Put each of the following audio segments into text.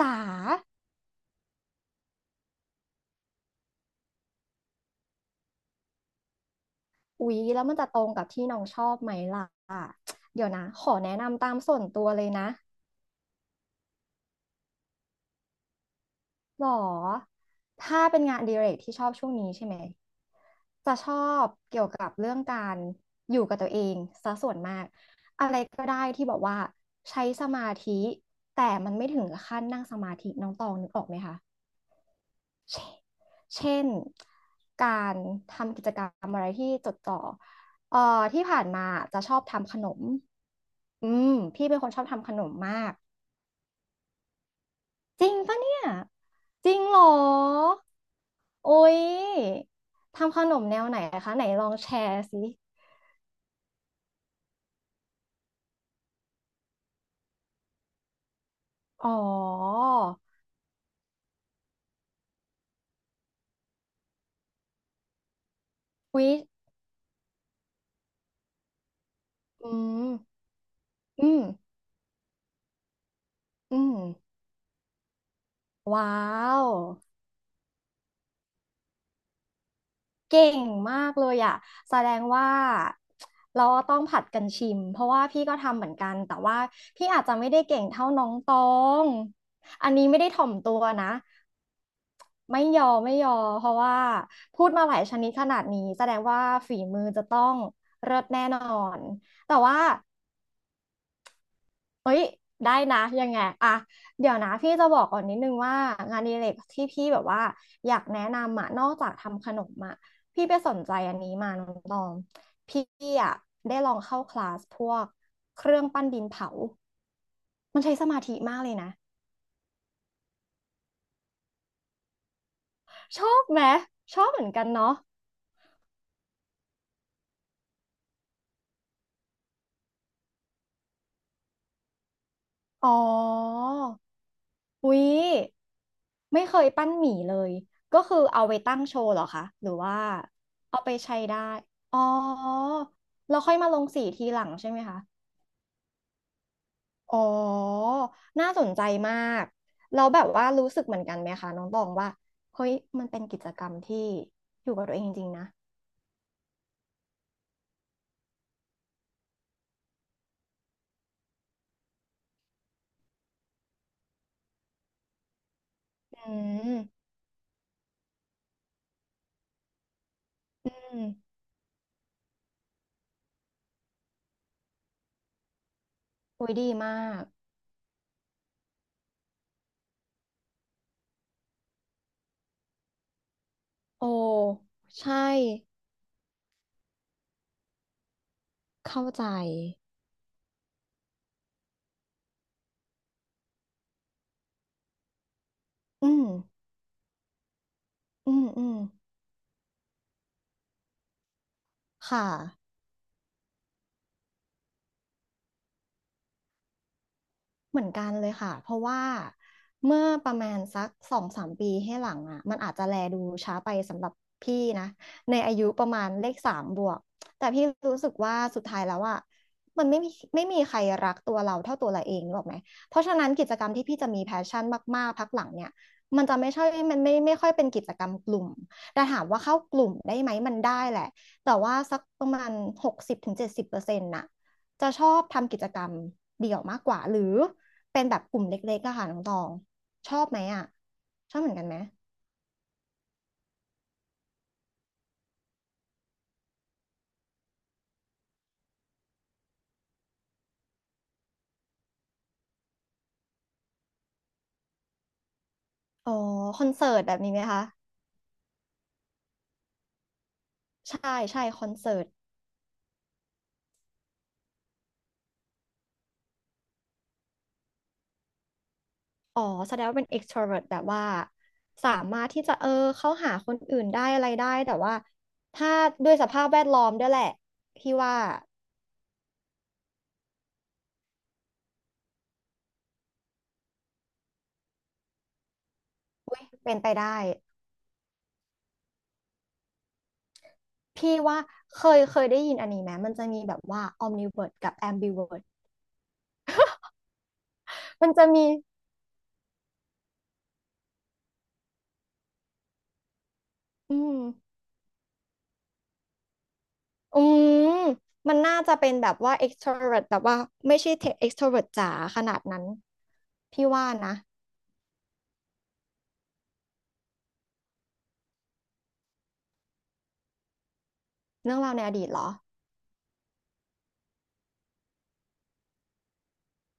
จ๋าอุ๊ยแล้วมันจะตรงกับที่น้องชอบไหมล่ะเดี๋ยวนะขอแนะนำตามส่วนตัวเลยนะหรอถ้าเป็นงานอดิเรกที่ชอบช่วงนี้ใช่ไหมจะชอบเกี่ยวกับเรื่องการอยู่กับตัวเองซะส่วนมากอะไรก็ได้ที่บอกว่าใช้สมาธิแต่มันไม่ถึงกับขั้นนั่งสมาธิน้องตองนึกออกไหมคะ เช่นการทำกิจกรรมอะไรที่จดจ่อเอ่อที่ผ่านมาจะชอบทำขนมอืมพี่เป็นคนชอบทำขนมมากจริงปะเนี่ยจริงเหรอโอ๊ยทำขนมแนวไหนคะไหนลองแชร์สิอ๋อวิอืมอืมอืมว้าว เก่งมากเลยอ่ะแสดงว่าเราต้องผัดกันชิมเพราะว่าพี่ก็ทำเหมือนกันแต่ว่าพี่อาจจะไม่ได้เก่งเท่าน้องตองอันนี้ไม่ได้ถ่อมตัวนะไม่ยอมไม่ยอมเพราะว่าพูดมาหลายชนิดขนาดนี้แสดงว่าฝีมือจะต้องเลิศแน่นอนแต่ว่า เอ้ยได้นะยังไงอะเดี๋ยวนะพี่จะบอกก่อนนิดนึงว่างานอดิเรกที่พี่แบบว่าอยากแนะนำอะนอกจากทำขนมอะพี่ไปสนใจอันนี้มาน้องตองพี่อะได้ลองเข้าคลาสพวกเครื่องปั้นดินเผามันใช้สมาธิมากเลยนะชอบไหมชอบเหมือนกันเนาะอ๋อ อุ๊ยไม่เคยปั้นหมี่เลยก็คือเอาไปตั้งโชว์เหรอคะหรือว่าเอาไปใช้ได้อ๋อเราค่อยมาลงสีทีหลังใช่ไหมคะอ๋อน่าสนใจมากเราแล้วแบบว่ารู้สึกเหมือนกันไหมคะน้องตองว่าเฮ้ยมันเป็นกิจกรรมที่อยู่กับตัวเองจริงๆนะอืมอืมโอุ้ยดีมากโอ้ใช่เข้าใจอืมอืมอืมค่ะ เหมือนกันเลยค่ะเพราะว่าเมื่อประมาณสัก2-3 ปีให้หลังอ่ะมันอาจจะแลดูช้าไปสำหรับพี่นะในอายุประมาณเลขสามบวกแต่พี่รู้สึกว่าสุดท้ายแล้วอ่ะมันไม่มีใครรักตัวเราเท่าตัวเราเองหรอกไหมเพราะฉะนั้นกิจกรรมที่พี่จะมีแพชชั่นมากๆพักหลังเนี่ยมันจะไม่ใช่มันไม่ค่อยเป็นกิจกรรมกลุ่มแต่ถามว่าเข้ากลุ่มได้ไหมมันได้แหละแต่ว่าสักประมาณ60-70%น่ะ จะชอบทำกิจกรรมเดี่ยวมากกว่าหรือเป็นแบบกลุ่มเล็กๆอะค่ะน้องตองชอบไหมอะชอบเหมือนกันไหมอ๋อคอนเสิร์ตแบบนี้ไหมคะใช่ใช่คอนเสิร์ตอ๋อแสดงว่าเป็น extrovert แบบว่าสามารถที่จะเข้าหาคนอื่นได้อะไรได้แต่ว่าถ้าด้วยสภาพแวดล้อมด้วยแหละพี่ว่าอุ๊ยเป็นไปได้พี่ว่าเคยได้ยินอันนี้ไหมมันจะมีแบบว่า omnivert กับ ambivert มันจะมีอืม อืมมันน่าจะเป็นแบบว่า extrovert แบบว่าไม่ใช่ extrovert จ๋าขนาดนั้นพี่ว่านะเรื่องราวในอดีตเหรอ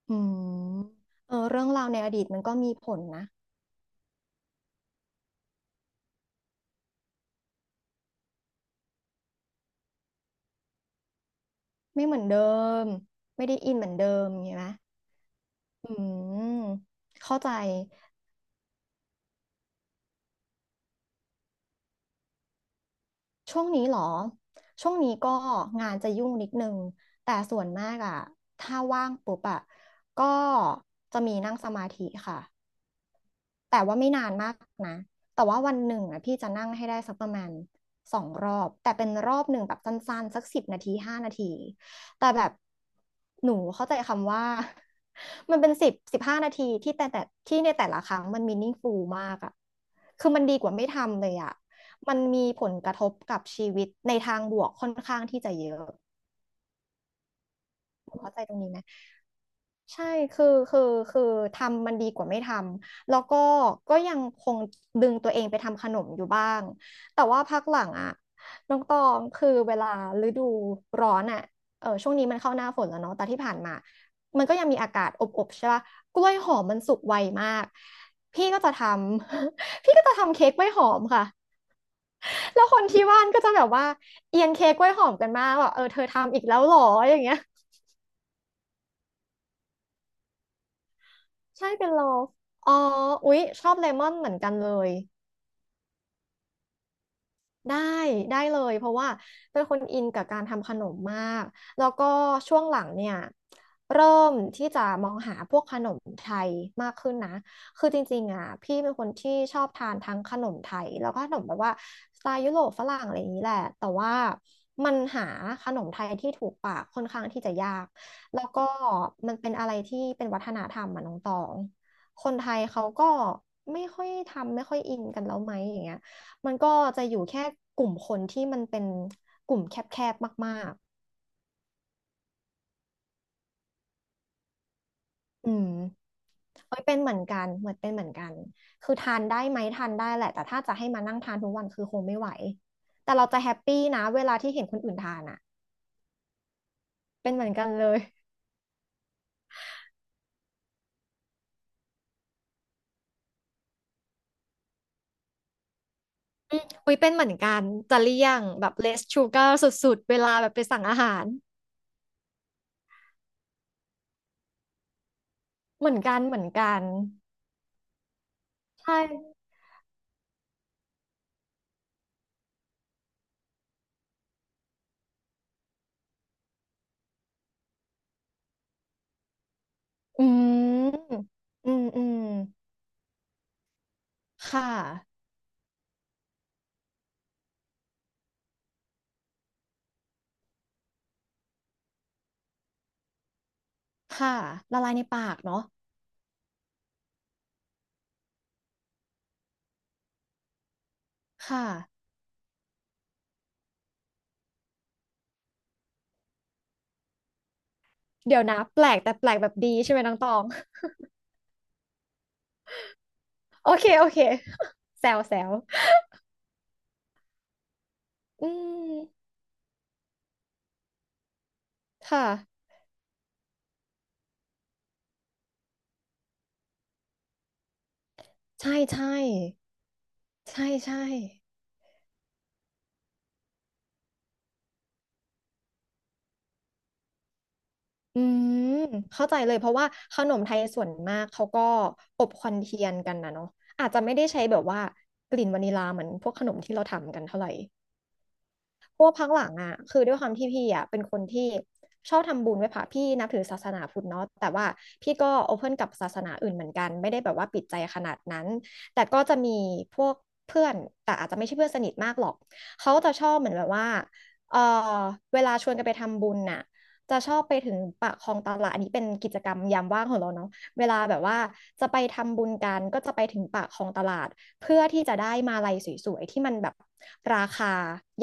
อืมเออเรื่องราวในอดีตมันก็มีผลนะไม่เหมือนเดิมไม่ได้อินเหมือนเดิมใช่ไหมอืมเข้าใจช่วงนี้เหรอช่วงนี้ก็งานจะยุ่งนิดนึงแต่ส่วนมากอะถ้าว่างปุ๊บอะก็จะมีนั่งสมาธิค่ะ แต่ว่าไม่นานมากนะ แต่ว่าวันหนึ่งอ่ะพี่จะนั่งให้ได้สักประมาณ2 รอบ แต่เป็นรอบหนึ่งแบบสั้นๆสัก10 นาทีห้านาที แต่แบบหนูเข้าใจคำว่า มันเป็น10 15 นาทีที่แต่ที่ในแต่ละครั้งมัน meaningful มากอ่ะคือมันดีกว่าไม่ทำเลยอ่ะมันมีผลกระทบกับชีวิตในทางบวกค่อนข้างที่จะเยอะเข้าใจตรงนี้ไหม ใช่คือคือคือทำมันดีกว่าไม่ทำ แล้วก็ยังคงดึงตัวเองไปทำขนมอยู่บ้างแต่ว่าพักหลังอะน้องตองคือเวลาฤดูร้อนอะเออช่วงนี้มันเข้าหน้าฝนแล้วเนาะแต่ที่ผ่านมามันก็ยังมีอากาศอบๆใช่ปะกล้วยหอมมันสุกไวมากพี่ก็จะทำ พี่ก็จะทำเค้กกล้วยหอมค่ะแล้วคนที่บ้านก็จะแบบว่าเอียนเค้กกล้วยหอมกันมากว่าเออเธอทำอีกแล้วเหรออย่างเงี้ย ใช่เป็นลอฟอ๋ออุ๊ยชอบเลมอนเหมือนกันเลย ได้ได้เลยเพราะว่าเป็นคนอินกับการทำขนมมากแล้วก็ช่วงหลังเนี่ยเริ่มที่จะมองหาพวกขนมไทยมากขึ้นนะคือจริงๆอ่ะพี่เป็นคนที่ชอบทานทั้งขนมไทยแล้วก็ขนมแบบว่าสไตล์ยุโรปฝรั่งอะไรอย่างนี้แหละแต่ว่ามันหาขนมไทยที่ถูกปากค่อนข้างที่จะยากแล้วก็มันเป็นอะไรที่เป็นวัฒนธรรมอ่ะน้องตองคนไทยเขาก็ไม่ค่อยทำไม่ค่อยอินกันแล้วไหมอย่างเงี้ย มันก็จะอยู่แค่กลุ่มคนที่มันเป็นกลุ่มแคบๆมากๆอืมเอ้ยเป็นเหมือนกันเหมือนเป็นเหมือนกันคือทานได้ไหมทานได้แหละแต่ถ้าจะให้มานั่งทานทุกวันคือคงไม่ไหวแต่เราจะแฮปปี้นะเวลาที่เห็นคนอื่นทานอ่ะเป็นเหมือนกันเลยอืมอุ้ยเป็นเหมือนกันจะเลี่ยงแบบ less sugar สุดๆเวลาแบบไปสั่งอาหารเหมือนกันเหมือนกันใช่อืมอืมอืมค่ะค่ะละลายในปากเนาะค่ะ เดี๋ยวนะแปลกแต่แปลกแบบดีใช่ไหมน้องตอง โอเคโอเค แซวแซวอืมค่ะใช่ใช่ใช่ใช่อืมเข้าใจเลยเพราะว่าขนมไทยส่วนมากเขาก็อบควันเทียนกันนะเนาะอาจจะไม่ได้ใช้แบบว่ากลิ่นวานิลาเหมือนพวกขนมที่เราทำกันเท่าไหร่ เพราะว่าพักหลังอ่ะคือด้วยความที่พี่อ่ะเป็นคนที่ชอบทำบุญไหว้พระพี่นับถือศาสนาพุทธเนาะแต่ว่าพี่ก็โอเพ่นกับศาสนาอื่นเหมือนกันไม่ได้แบบว่าปิดใจขนาดนั้นแต่ก็จะมีพวกเพื่อนแต่อาจจะไม่ใช่เพื่อนสนิทมากหรอกเขาจะชอบเหมือนแบบว่าเออเวลาชวนกันไปทำบุญน่ะจะชอบไปถึงปากคลองตลาดอันนี้เป็นกิจกรรมยามว่างของเราเนาะเวลาแบบว่าจะไปทำบุญกันก็จะไปถึงปากคลองตลาด เพื่อที่จะได้มาลัยสวยๆที่มันแบบราคา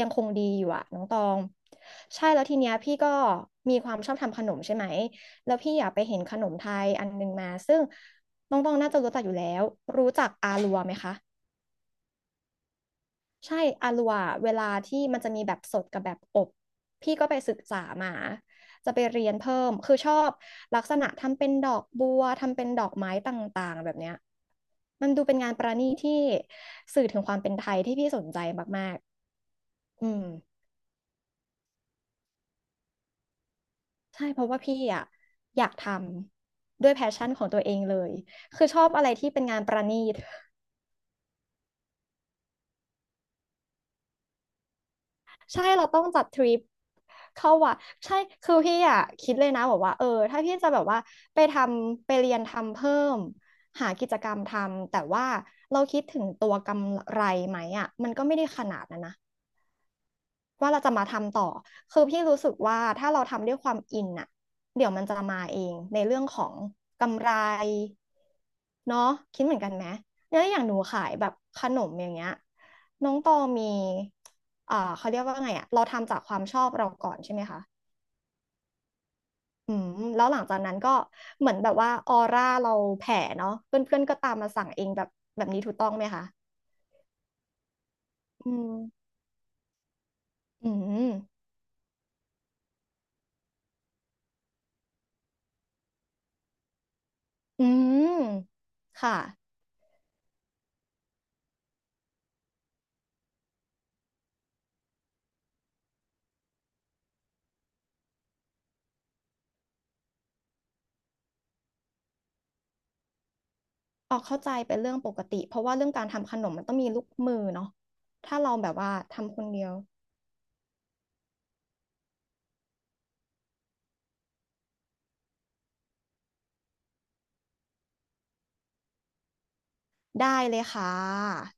ยังคงดีอยู่อะน้องตองใช่แล้วทีเนี้ยพี่ก็มีความชอบทำขนมใช่ไหมแล้วพี่อยากไปเห็นขนมไทยอันหนึงมาซึ่งน้องตองน่าจะรู้จักอยู่แล้วรู้จักอาลัวไหมคะ ใช่อาลัวเวลาที่มันจะมีแบบสดกับแบบอบพี่ก็ไปศึกษามา จะไปเรียนเพิ่ม คือชอบลักษณะทำเป็นดอกบัว ทำเป็นดอกไม้ต่างๆแบบเนี้ยมันดูเป็นงานประณีตที่สื่อถึงความเป็นไทยที่พี่สนใจมากๆอืมใช่เพราะว่าพี่อะอยากทำด้วยแพชชั่นของตัวเองเลยคือชอบอะไรที่เป็นงานประณีต ใช่เราต้องจัดทริปเข้าวัดใช่คือพี่อ่ะคิดเลยนะบอกว่าถ้าพี่จะแบบว่าไปทำไปเรียนทำเพิ่มหากิจกรรมทำแต่ว่าเราคิดถึงตัวกำไรไหมอ่ะมันก็ไม่ได้ขนาดนั้นนะ ว่าเราจะมาทำต่อ คือพี่รู้สึกว่าถ้าเราทำด้วยความอินอ่ะเดี๋ยวมันจะมาเองในเรื่องของกำไรเนาะคิดเหมือนกันไหมเนี่ยอย่างหนูขายแบบขนมอย่างเงี้ยน้องตอมีเขาเรียกว่าไงอะเราทำจากความชอบเราก่อนใช่ไหมคะอืมแล้วหลังจากนั้นก็เหมือนแบบว่าออร่าเราแผ่เนาะเพื่อนๆก็ตามมาสั่งเองแบบแบบนี้ถูกต้องไหมคะอืมอืมอืมค่ะ ออกเข้าใจเป็นเรื่องปกติเพราะว่าเรื่องการทำขนมมันต้องมีลูกมือเนาะถ้าเราแบบว่าทำคนเดียวได้เลยค่ะ